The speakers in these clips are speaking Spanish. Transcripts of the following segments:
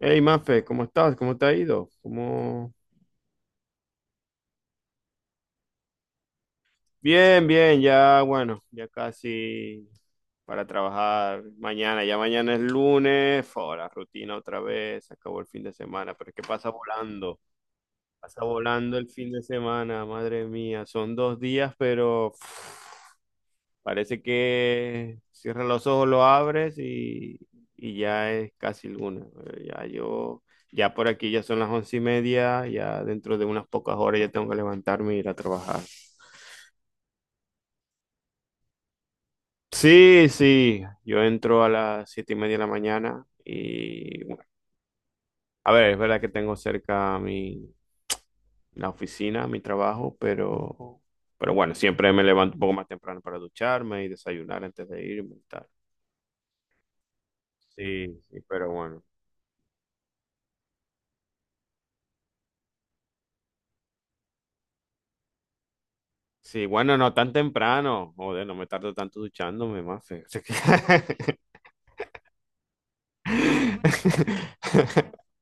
Hey, Mafe, ¿cómo estás? ¿Cómo te ha ido? ¿Cómo... Bien, bien, ya, bueno, ya casi para trabajar mañana. Ya mañana es lunes, fo, la rutina otra vez, se acabó el fin de semana, pero es que pasa volando el fin de semana, madre mía, son dos días, pero parece que cierras los ojos, lo abres y ya es casi luna. Eh, Ya yo, ya por aquí ya son las once y media, ya dentro de unas pocas horas ya tengo que levantarme e ir a trabajar. Sí, sí, yo entro a las siete y media de la mañana y bueno, a ver, es verdad que tengo cerca la oficina, mi trabajo, pero bueno, siempre me levanto un poco más temprano para ducharme y desayunar antes de irme y tal. Sí, sí, pero bueno. Sí, bueno, no tan temprano. Joder, no me tardo tanto duchándome, mafe. O sea que-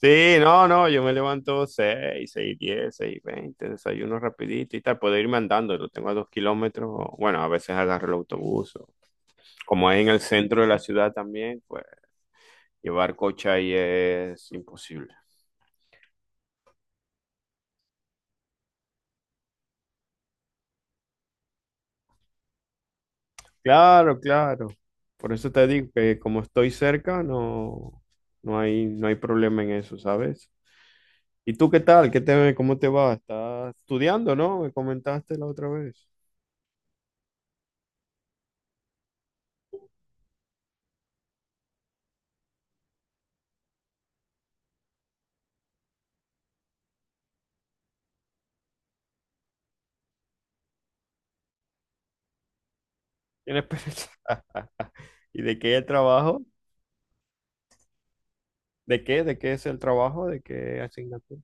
Sí, no, no, yo me levanto seis, seis diez, seis veinte, desayuno rapidito y tal. Puedo irme andando, lo tengo a dos kilómetros. Bueno, a veces agarro el autobús. O- Como es en el centro de la ciudad también, pues llevar coche ahí es imposible. Claro, claro. Por eso te digo que como estoy cerca, no, no hay problema en eso, ¿sabes? ¿Y tú qué tal? ¿Cómo te va? ¿Estás estudiando, no? Me comentaste la otra vez. ¿Tienes pereza? ¿Y de qué el trabajo? ¿De qué? ¿De qué es el trabajo? ¿De qué asignatura?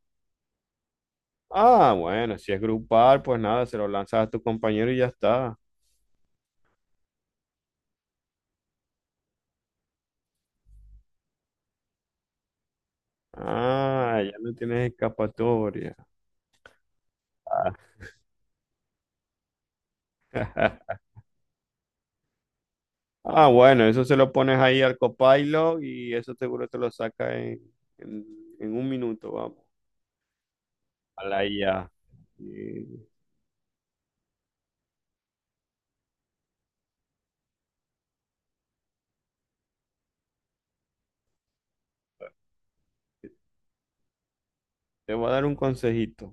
Ah, bueno, si es grupal, pues nada, se lo lanzas a tu compañero y ya está. Ah, ya no tienes escapatoria. Ah, bueno, eso se lo pones ahí al Copilot y eso seguro te lo saca en- en un minuto, vamos, a la IA. Y te voy a dar un consejito.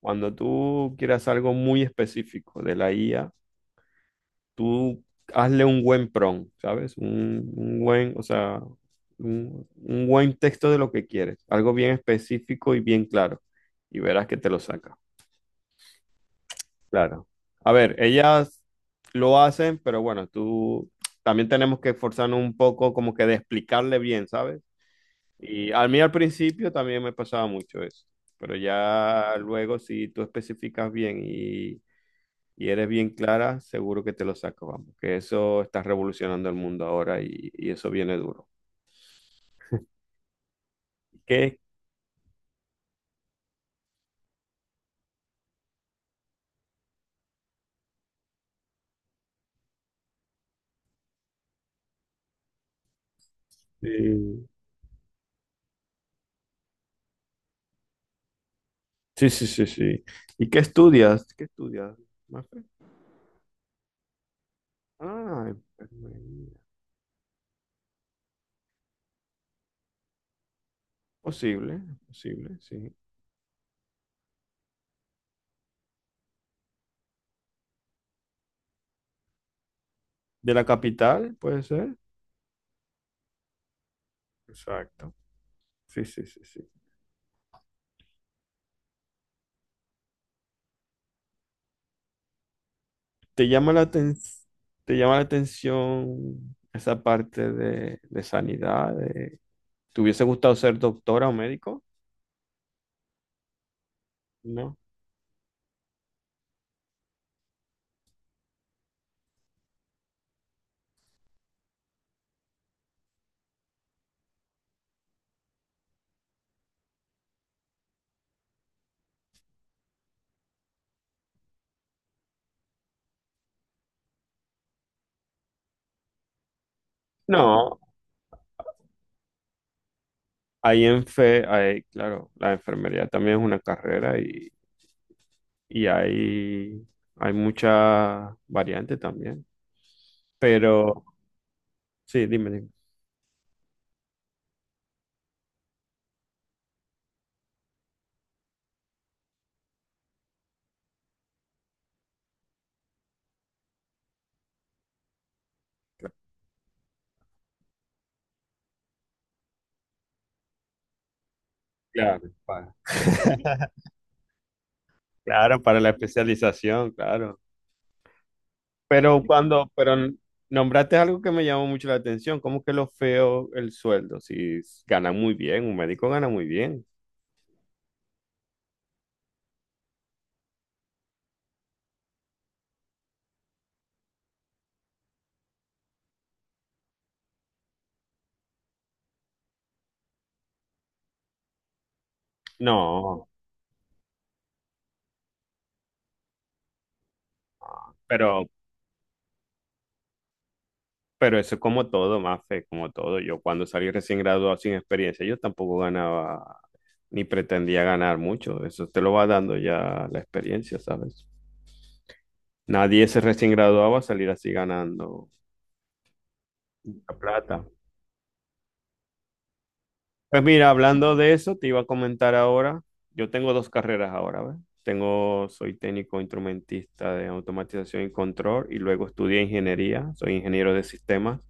Cuando tú quieras algo muy específico de la IA, tú hazle un buen prompt, ¿sabes? O sea, un buen texto de lo que quieres, algo bien específico y bien claro, y verás que te lo saca. Claro. A ver, ellas lo hacen, pero bueno, tú también tenemos que esforzarnos un poco como que de explicarle bien, ¿sabes? Y a mí al principio también me pasaba mucho eso, pero ya luego si tú especificas bien y eres bien clara, seguro que te lo sacas, vamos, que eso está revolucionando el mundo ahora y eso viene duro. ¿Qué? Sí, sí, sí, sí, sí. ¿Y qué estudias? ¿Qué estudias, Mafe? Ah, enfermería. Posible, posible, sí. De la capital, puede ser. Exacto. Sí, sí, sí, sí. ¿Te llama la aten- te llama la atención esa parte de sanidad? De- ¿Te hubiese gustado ser doctora o médico? No. No. Hay en fe, hay, claro, la enfermería también es una carrera y hay mucha variante también. Pero, sí, dime, dime. Claro, para, claro, para la especialización, claro. Pero cuando, pero nombraste algo que me llamó mucho la atención, ¿cómo que lo feo el sueldo? Si s- ganan muy bien, un médico gana muy bien. No, pero, pero eso es como todo, Mafe, como todo. Yo cuando salí recién graduado sin experiencia, yo tampoco ganaba ni pretendía ganar mucho. Eso te lo va dando ya la experiencia, ¿sabes? Nadie se recién graduado va a salir así ganando mucha plata. Pues mira, hablando de eso, te iba a comentar ahora, yo tengo dos carreras ahora, ¿ves? Tengo, soy técnico instrumentista de automatización y control y luego estudié ingeniería, soy ingeniero de sistemas.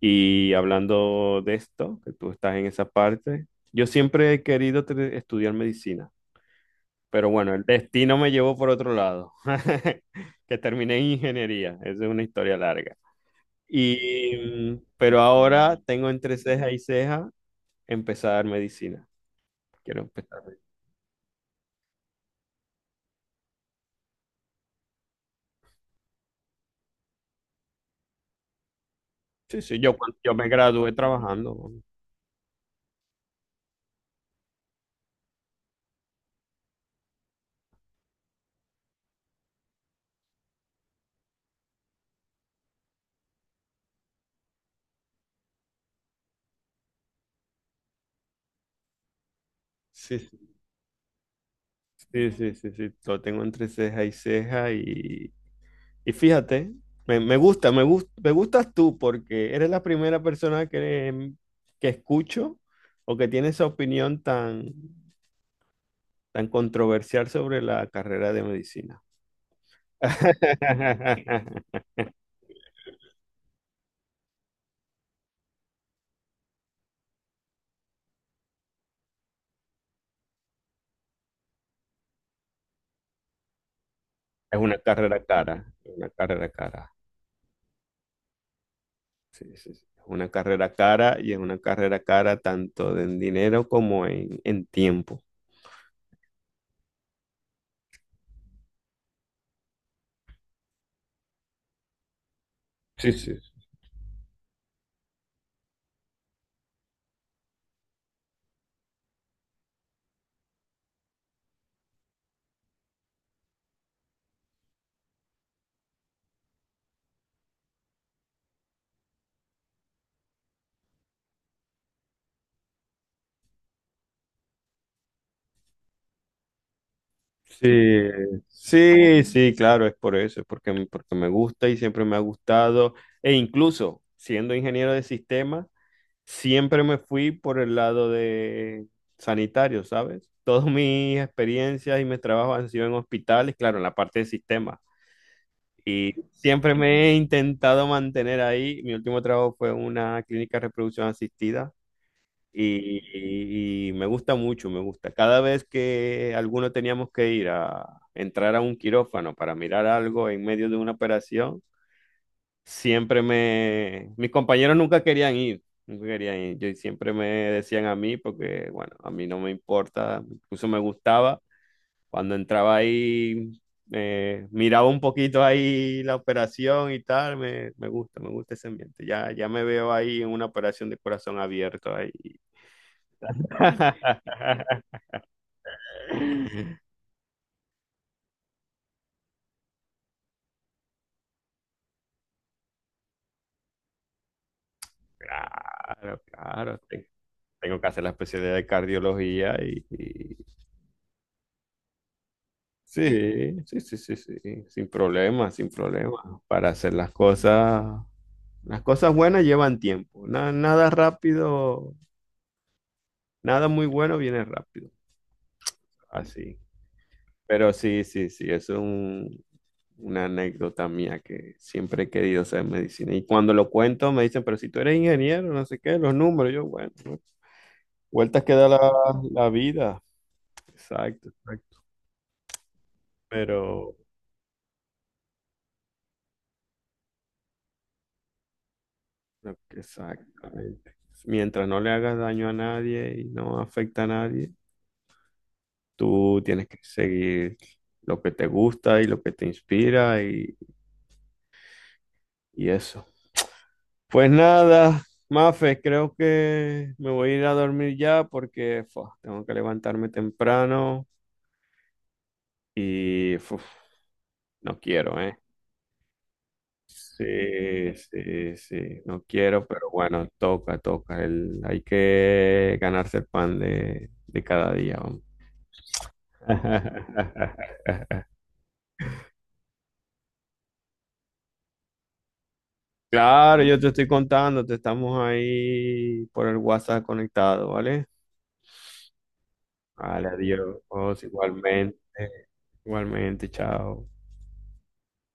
Y hablando de esto, que tú estás en esa parte, yo siempre he querido tre- estudiar medicina, pero bueno, el destino me llevó por otro lado, que terminé en ingeniería, esa es una historia larga. Y, pero ahora tengo entre ceja y ceja empezar medicina. Quiero empezar. Sí, sí, yo, cuando yo me gradué trabajando. ¿No? Sí, sí, sí, sí, sí, sí, lo tengo entre ceja y ceja y fíjate, me gusta, me gus- me gustas tú porque eres la primera persona que escucho o que tiene esa opinión tan, tan controversial sobre la carrera de medicina. Es una carrera cara, es una carrera cara. Sí, sí, sí. Es una carrera cara y es una carrera cara tanto en dinero como en tiempo. Sí, sí. Sí, sí, sí, claro, es por eso, es porque, m- porque me gusta y siempre me ha gustado. E incluso siendo ingeniero de sistemas, siempre me fui por el lado de sanitario, ¿sabes? Todas mis experiencias y mis trabajos han sido en hospitales, claro, en la parte de sistemas. Y siempre me he intentado mantener ahí. Mi último trabajo fue en una clínica de reproducción asistida. Y- me gusta mucho, me gusta. Cada vez que alguno teníamos que ir a entrar a un quirófano para mirar algo en medio de una operación, siempre me... Mis compañeros nunca querían ir, nunca querían ir. Yo siempre me decían a mí porque, bueno, a mí no me importa, incluso me gustaba. Cuando entraba ahí, miraba un poquito ahí la operación y tal, me gusta ese ambiente. Ya, ya me veo ahí en una operación de corazón abierto ahí. Claro, claro. Te- Tengo que hacer la especialidad de cardiología y- Sí, sí, sí, sí, sí. Sin problema, sin problema. Para hacer las cosas buenas llevan tiempo. Na- nada rápido, nada muy bueno viene rápido. Así. Pero sí, sí, sí, eso es un- una anécdota mía que siempre he querido ser medicina. Y cuando lo cuento me dicen, pero si tú eres ingeniero, no sé qué, los números. Yo, bueno, vueltas que da la vida. Exacto. Pero, no, exactamente. Mientras no le hagas daño a nadie y no afecta a nadie, tú tienes que seguir lo que te gusta y lo que te inspira y eso. Pues nada, Mafe, creo que me voy a ir a dormir ya porque fua, tengo que levantarme temprano y fuf, no quiero, ¿eh? Sí, sí, sí, no quiero, pero bueno, toca, toca. Hay que ganarse el pan de cada día, vamos. Claro, yo te estoy contando, te estamos ahí por el WhatsApp conectado, ¿vale? Vale, adiós, igualmente, igualmente, chao.